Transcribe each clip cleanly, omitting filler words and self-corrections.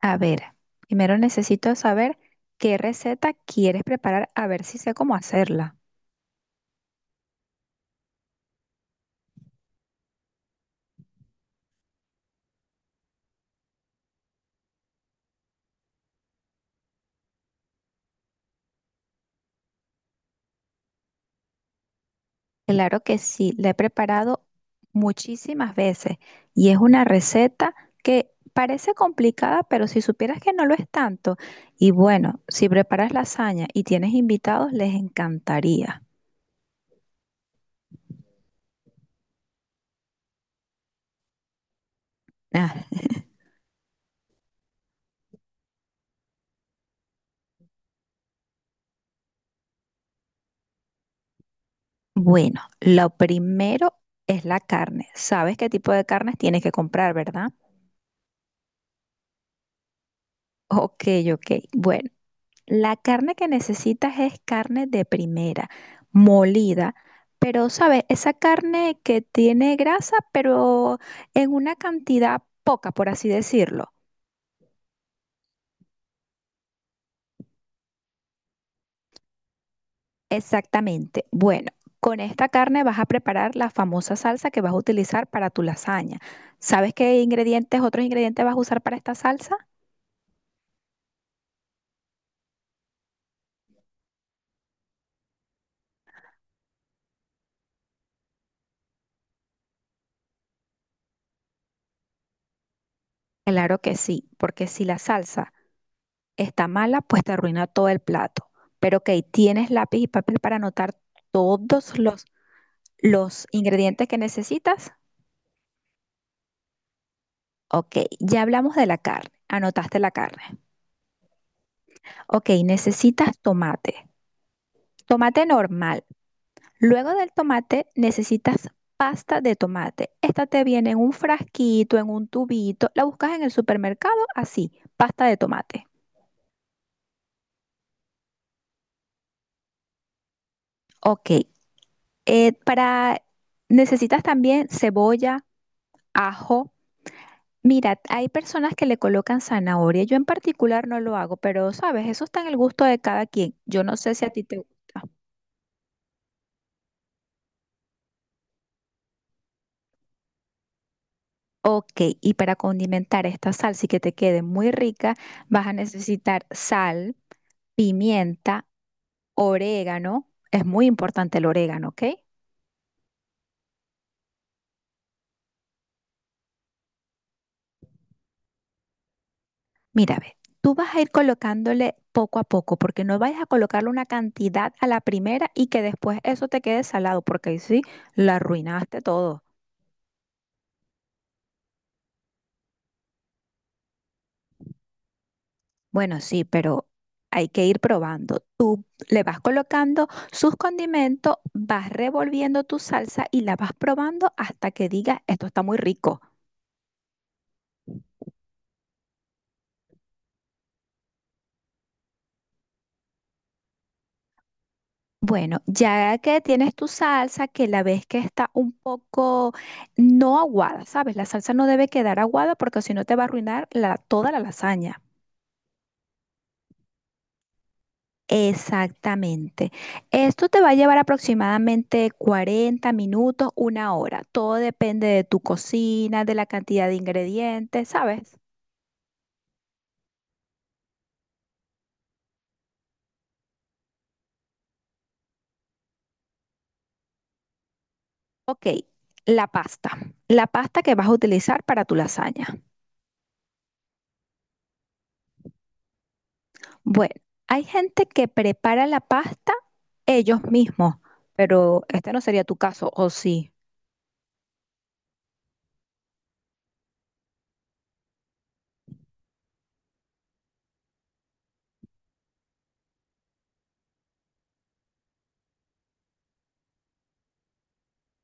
A ver, primero necesito saber qué receta quieres preparar, a ver si sé cómo hacerla. Claro que sí, la he preparado muchísimas veces y es una receta que parece complicada, pero si supieras que no lo es tanto, y bueno, si preparas lasaña y tienes invitados, les encantaría. Ah, bueno, lo primero es la carne. ¿Sabes qué tipo de carnes tienes que comprar, verdad? Ok, ok. Bueno. La carne que necesitas es carne de primera, molida, pero sabes, esa carne que tiene grasa, pero en una cantidad poca, por así decirlo. Exactamente. Bueno, con esta carne vas a preparar la famosa salsa que vas a utilizar para tu lasaña. ¿Sabes qué ingredientes, otros ingredientes vas a usar para esta salsa? Claro que sí, porque si la salsa está mala, pues te arruina todo el plato. Pero ok, ¿tienes lápiz y papel para anotar todos los ingredientes que necesitas? Ok, ya hablamos de la carne. Anotaste la carne. Ok, necesitas tomate. Tomate normal. Luego del tomate necesitas pasta de tomate. Esta te viene en un frasquito, en un tubito. La buscas en el supermercado así, pasta de tomate. Ok, para necesitas también cebolla, ajo. Mira, hay personas que le colocan zanahoria. Yo en particular no lo hago, pero sabes, eso está en el gusto de cada quien. Yo no sé si a ti te gusta. Ok, y para condimentar esta salsa y que te quede muy rica, vas a necesitar sal, pimienta, orégano. Es muy importante el orégano, ¿ok? Mira, ve, tú vas a ir colocándole poco a poco, porque no vayas a colocarle una cantidad a la primera y que después eso te quede salado, porque ahí sí la arruinaste todo. Bueno, sí, pero hay que ir probando. Le vas colocando sus condimentos, vas revolviendo tu salsa y la vas probando hasta que digas, esto está muy rico. Bueno, ya que tienes tu salsa, que la ves que está un poco no aguada, ¿sabes? La salsa no debe quedar aguada porque si no te va a arruinar toda la lasaña. Exactamente. Esto te va a llevar aproximadamente 40 minutos, una hora. Todo depende de tu cocina, de la cantidad de ingredientes, ¿sabes? Ok, la pasta. La pasta que vas a utilizar para tu lasaña. Bueno, hay gente que prepara la pasta ellos mismos, pero este no sería tu caso, ¿o sí?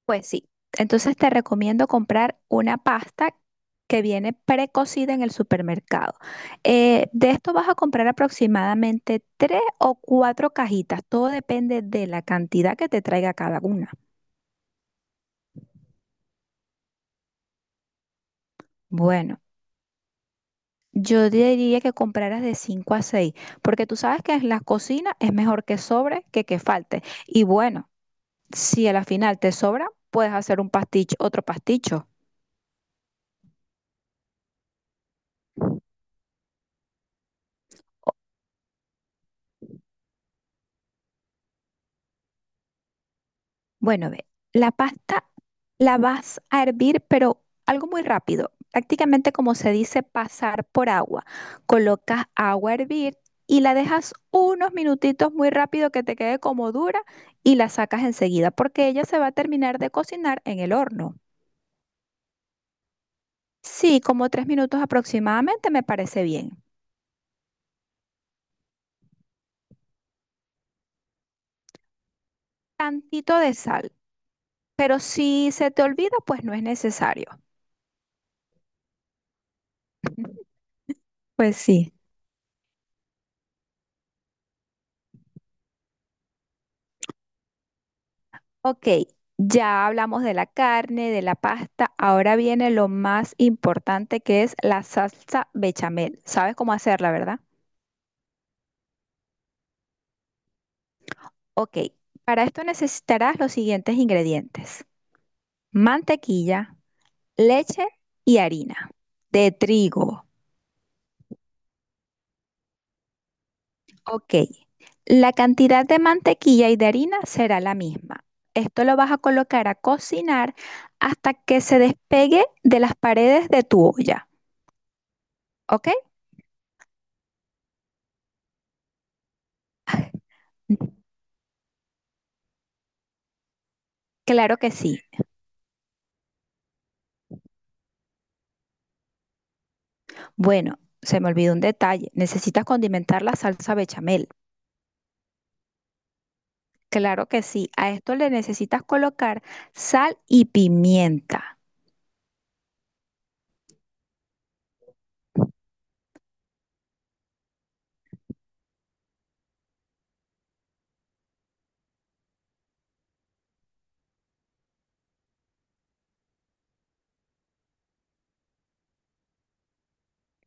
Pues sí, entonces te recomiendo comprar una pasta que viene precocida en el supermercado. De esto vas a comprar aproximadamente tres o cuatro cajitas, todo depende de la cantidad que te traiga cada una. Bueno, yo diría que compraras de cinco a seis, porque tú sabes que en la cocina es mejor que sobre que falte. Y bueno, si a la final te sobra, puedes hacer un pasticho, otro pasticho. Bueno, ve, la pasta la vas a hervir, pero algo muy rápido. Prácticamente como se dice, pasar por agua. Colocas agua a hervir y la dejas unos minutitos muy rápido que te quede como dura y la sacas enseguida porque ella se va a terminar de cocinar en el horno. Sí, como 3 minutos aproximadamente me parece bien. Tantito de sal, pero si se te olvida, pues no es necesario. Pues sí. Ok, ya hablamos de la carne, de la pasta, ahora viene lo más importante que es la salsa bechamel. ¿Sabes cómo hacerla, verdad? Ok, para esto necesitarás los siguientes ingredientes. Mantequilla, leche y harina de trigo. Ok, la cantidad de mantequilla y de harina será la misma. Esto lo vas a colocar a cocinar hasta que se despegue de las paredes de tu olla. ¿Ok? Claro que sí. Bueno, se me olvidó un detalle. Necesitas condimentar la salsa bechamel. Claro que sí. A esto le necesitas colocar sal y pimienta.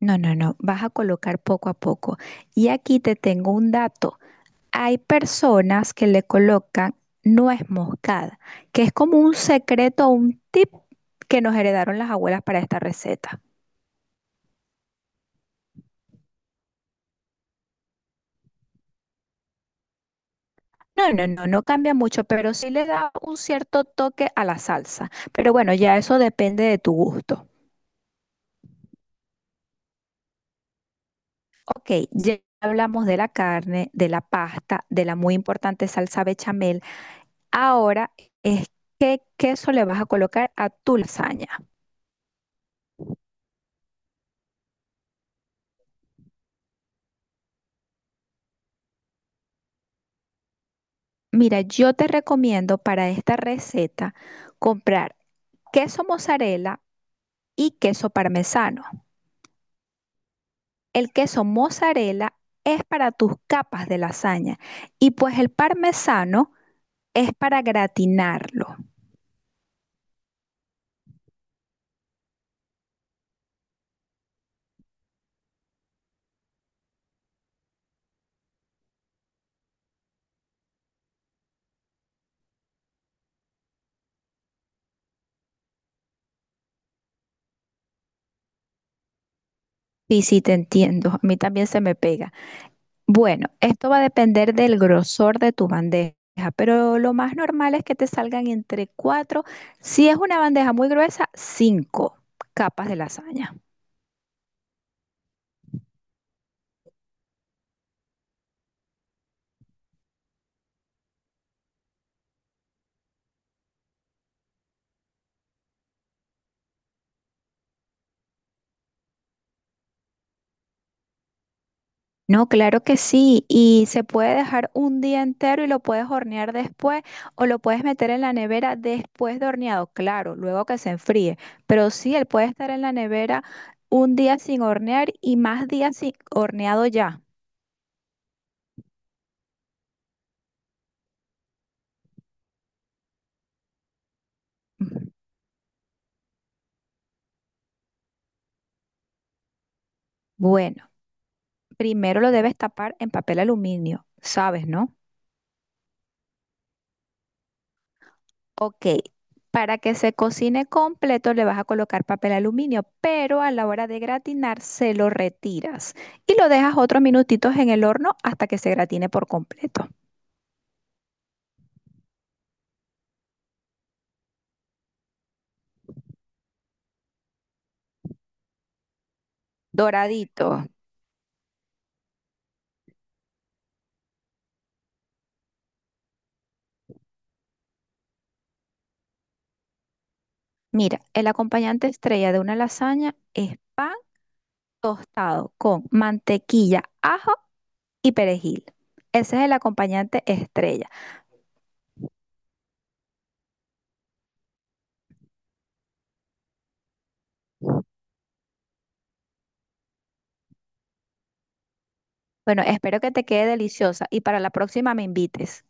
No, no, no. Vas a colocar poco a poco. Y aquí te tengo un dato. Hay personas que le colocan nuez moscada, que es como un secreto, o un tip que nos heredaron las abuelas para esta receta. No, no, no, no cambia mucho, pero sí le da un cierto toque a la salsa. Pero bueno, ya eso depende de tu gusto. Ok, ya hablamos de la carne, de la pasta, de la muy importante salsa bechamel. Ahora es qué queso le vas a colocar a tu lasaña. Mira, yo te recomiendo para esta receta comprar queso mozzarella y queso parmesano. El queso mozzarella es para tus capas de lasaña y pues el parmesano es para gratinarlo. Sí, sí, te entiendo. A mí también se me pega. Bueno, esto va a depender del grosor de tu bandeja, pero lo más normal es que te salgan entre cuatro, si es una bandeja muy gruesa, cinco capas de lasaña. No, claro que sí, y se puede dejar un día entero y lo puedes hornear después o lo puedes meter en la nevera después de horneado, claro, luego que se enfríe, pero sí, él puede estar en la nevera un día sin hornear y más días sin horneado ya. Bueno, primero lo debes tapar en papel aluminio, ¿sabes, no? Ok, para que se cocine completo le vas a colocar papel aluminio, pero a la hora de gratinar se lo retiras y lo dejas otros minutitos en el horno hasta que se gratine por completo. Doradito. Mira, el acompañante estrella de una lasaña es pan tostado con mantequilla, ajo y perejil. Ese es el acompañante estrella. Bueno, espero que te quede deliciosa y para la próxima me invites.